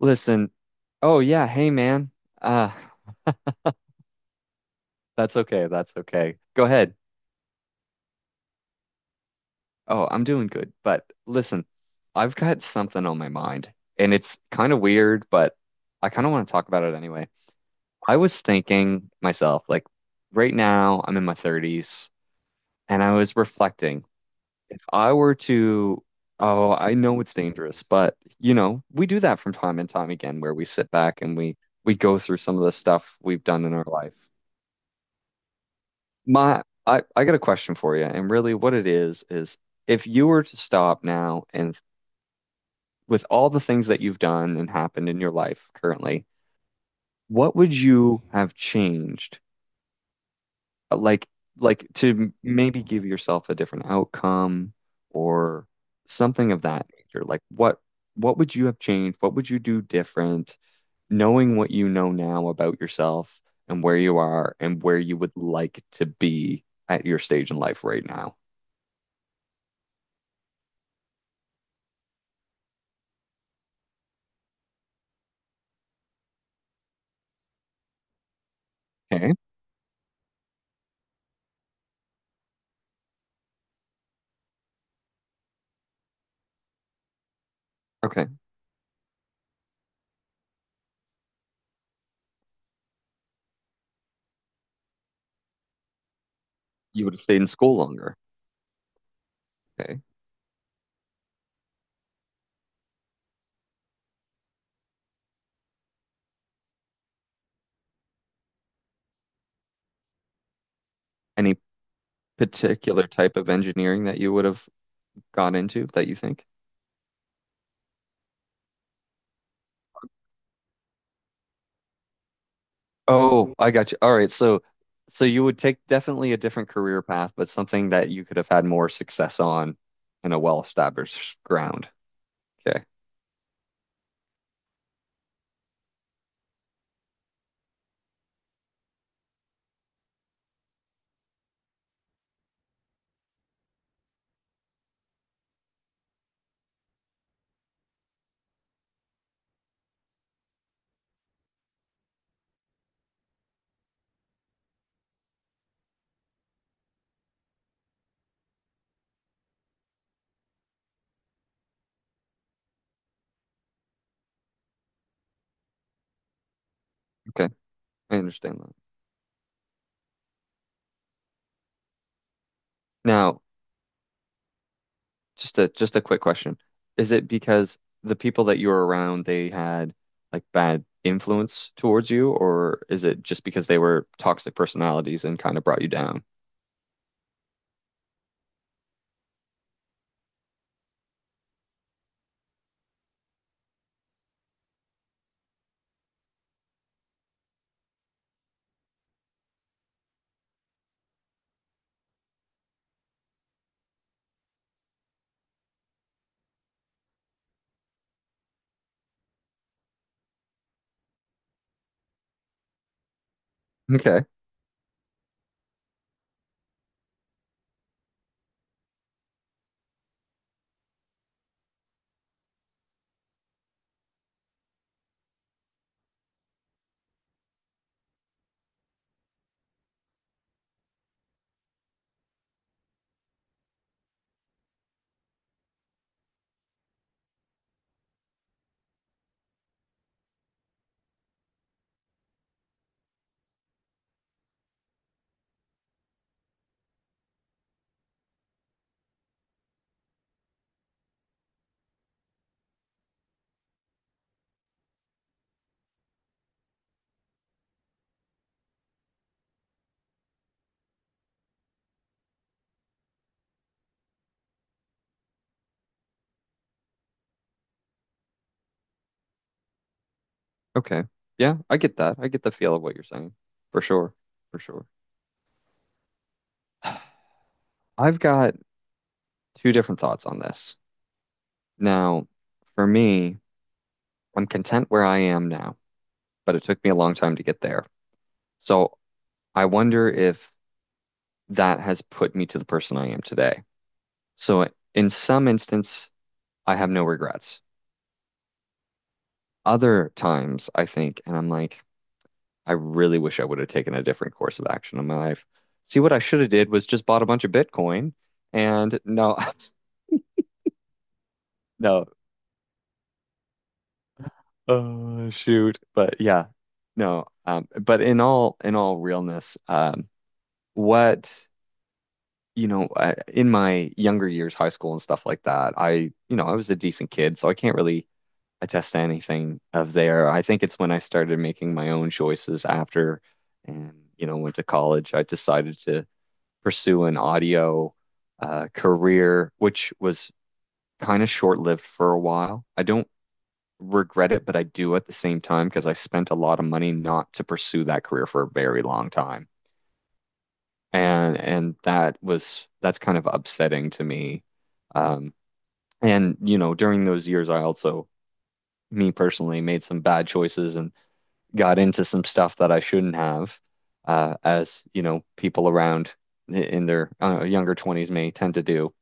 Listen, oh yeah, hey man. Uh, that's okay, that's okay. Go ahead. Oh, I'm doing good. But listen, I've got something on my mind, and it's kind of weird, but I kind of want to talk about it anyway. I was thinking myself, like right now, I'm in my 30s, and I was reflecting if I were to, oh, I know it's dangerous, but we do that from time and time again where we sit back and we go through some of the stuff we've done in our life. I got a question for you, and really what it is if you were to stop now and with all the things that you've done and happened in your life currently, what would you have changed? Like, maybe give yourself a different outcome or something of that nature. What would you have changed? What would you do different, knowing what you know now about yourself and where you are and where you would like to be at your stage in life right now? Okay. Okay, you would have stayed in school longer. Okay. Any particular type of engineering that you would have gone into that you think? Oh, I got you. All right. So, so you would take definitely a different career path, but something that you could have had more success on in a well-established ground. Okay. Okay. I understand that. Now, just a quick question. Is it because the people that you were around, they had like bad influence towards you, or is it just because they were toxic personalities and kind of brought you down? Okay. Okay. Yeah, I get that. I get the feel of what you're saying. For sure. For sure. I've got two different thoughts on this. Now, for me, I'm content where I am now, but it took me a long time to get there. So I wonder if that has put me to the person I am today. So in some instance, I have no regrets. Other times, I think, and I'm like, I really wish I would have taken a different course of action in my life. See, what I should have did was just bought a bunch of Bitcoin and no. No. Oh shoot. But yeah. No. But in all realness, what you know, in my younger years, high school and stuff like that, I you know, I was a decent kid, so I can't really attest to anything of there. I think it's when I started making my own choices after and you know, went to college, I decided to pursue an audio career, which was kind of short-lived for a while. I don't regret it, but I do at the same time because I spent a lot of money not to pursue that career for a very long time. And that's kind of upsetting to me. Um, and you know, during those years, I also, me personally, made some bad choices and got into some stuff that I shouldn't have, as you know, people around in their younger 20s may tend to do,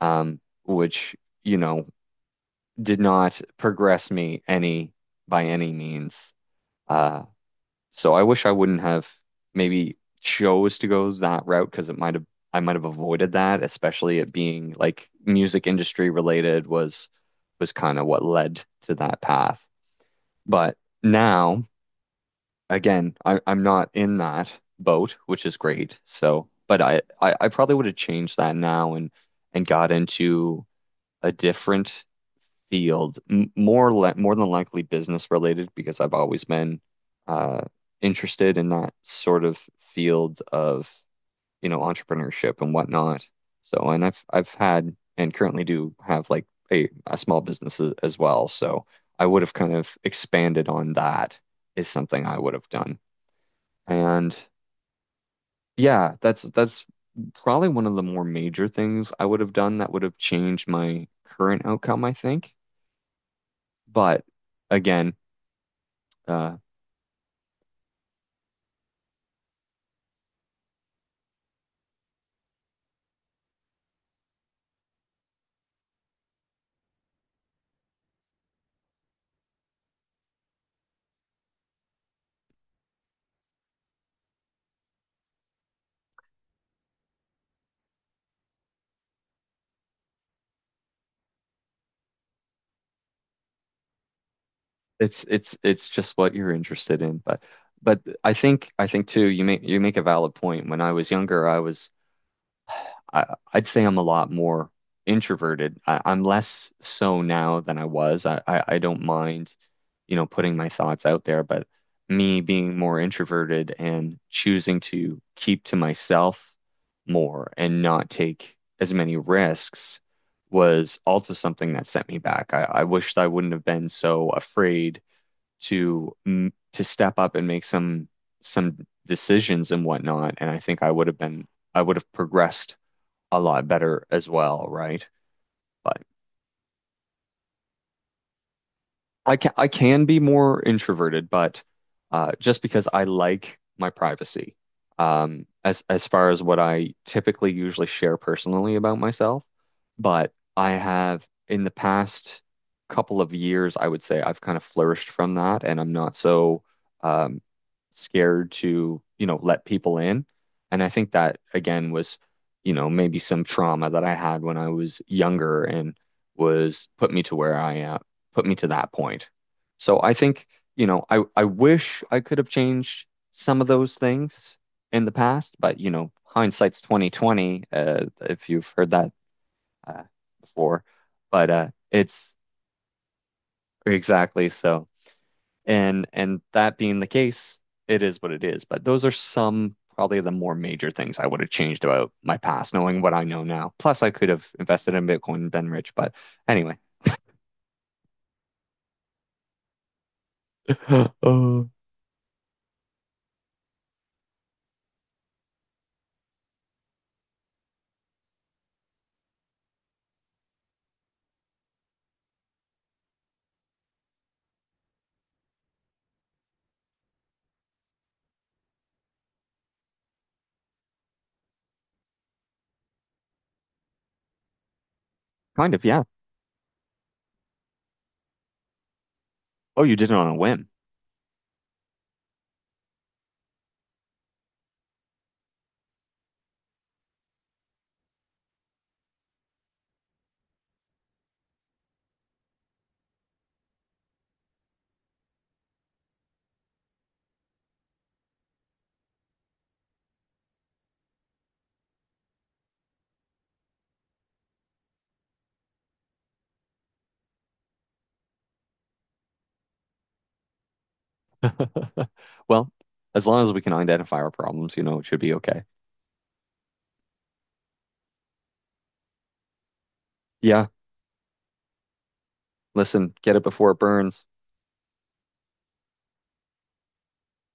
um, which, you know, did not progress me any by any means. Uh, So I wish I wouldn't have maybe chose to go that route because it might have I might have avoided that, especially it being like music industry related was kind of what led to that path. But now, again, I'm not in that boat, which is great. So, but I probably would have changed that now and got into a different field, m more le more than likely business related because I've always been uh, interested in that sort of field of, you know, entrepreneurship and whatnot. So, and I've had and currently do have like a small business as well. So I would have kind of expanded on that is something I would have done. And yeah, that's probably one of the more major things I would have done that would have changed my current outcome, I think. But again, Uh, it's it's just what you're interested in, but I think too you make a valid point. When I was younger, I'd say I'm a lot more introverted. I'm less so now than I was. I don't mind, you know, putting my thoughts out there, but me being more introverted and choosing to keep to myself more and not take as many risks was also something that set me back. I wished I wouldn't have been so afraid to to step up and make some decisions and whatnot. And I think I would have progressed a lot better as well, right? But I can be more introverted, but just because I like my privacy, as far as what I typically usually share personally about myself, but I have in the past couple of years, I would say I've kind of flourished from that, and I'm not so um, scared to you know let people in, and I think that again was you know maybe some trauma that I had when I was younger and was put me to where I am put me to that point. So I think, you know, I wish I could have changed some of those things in the past, but you know, hindsight's 2020, if you've heard that uh, before. But it's exactly so. And that being the case, it is what it is. But those are some probably the more major things I would have changed about my past, knowing what I know now. Plus, I could have invested in Bitcoin and been rich. But anyway, uh, kind of, yeah. Oh, you did it on a whim. Well, as long as we can identify our problems, you know, it should be okay. Yeah, listen, get it before it burns.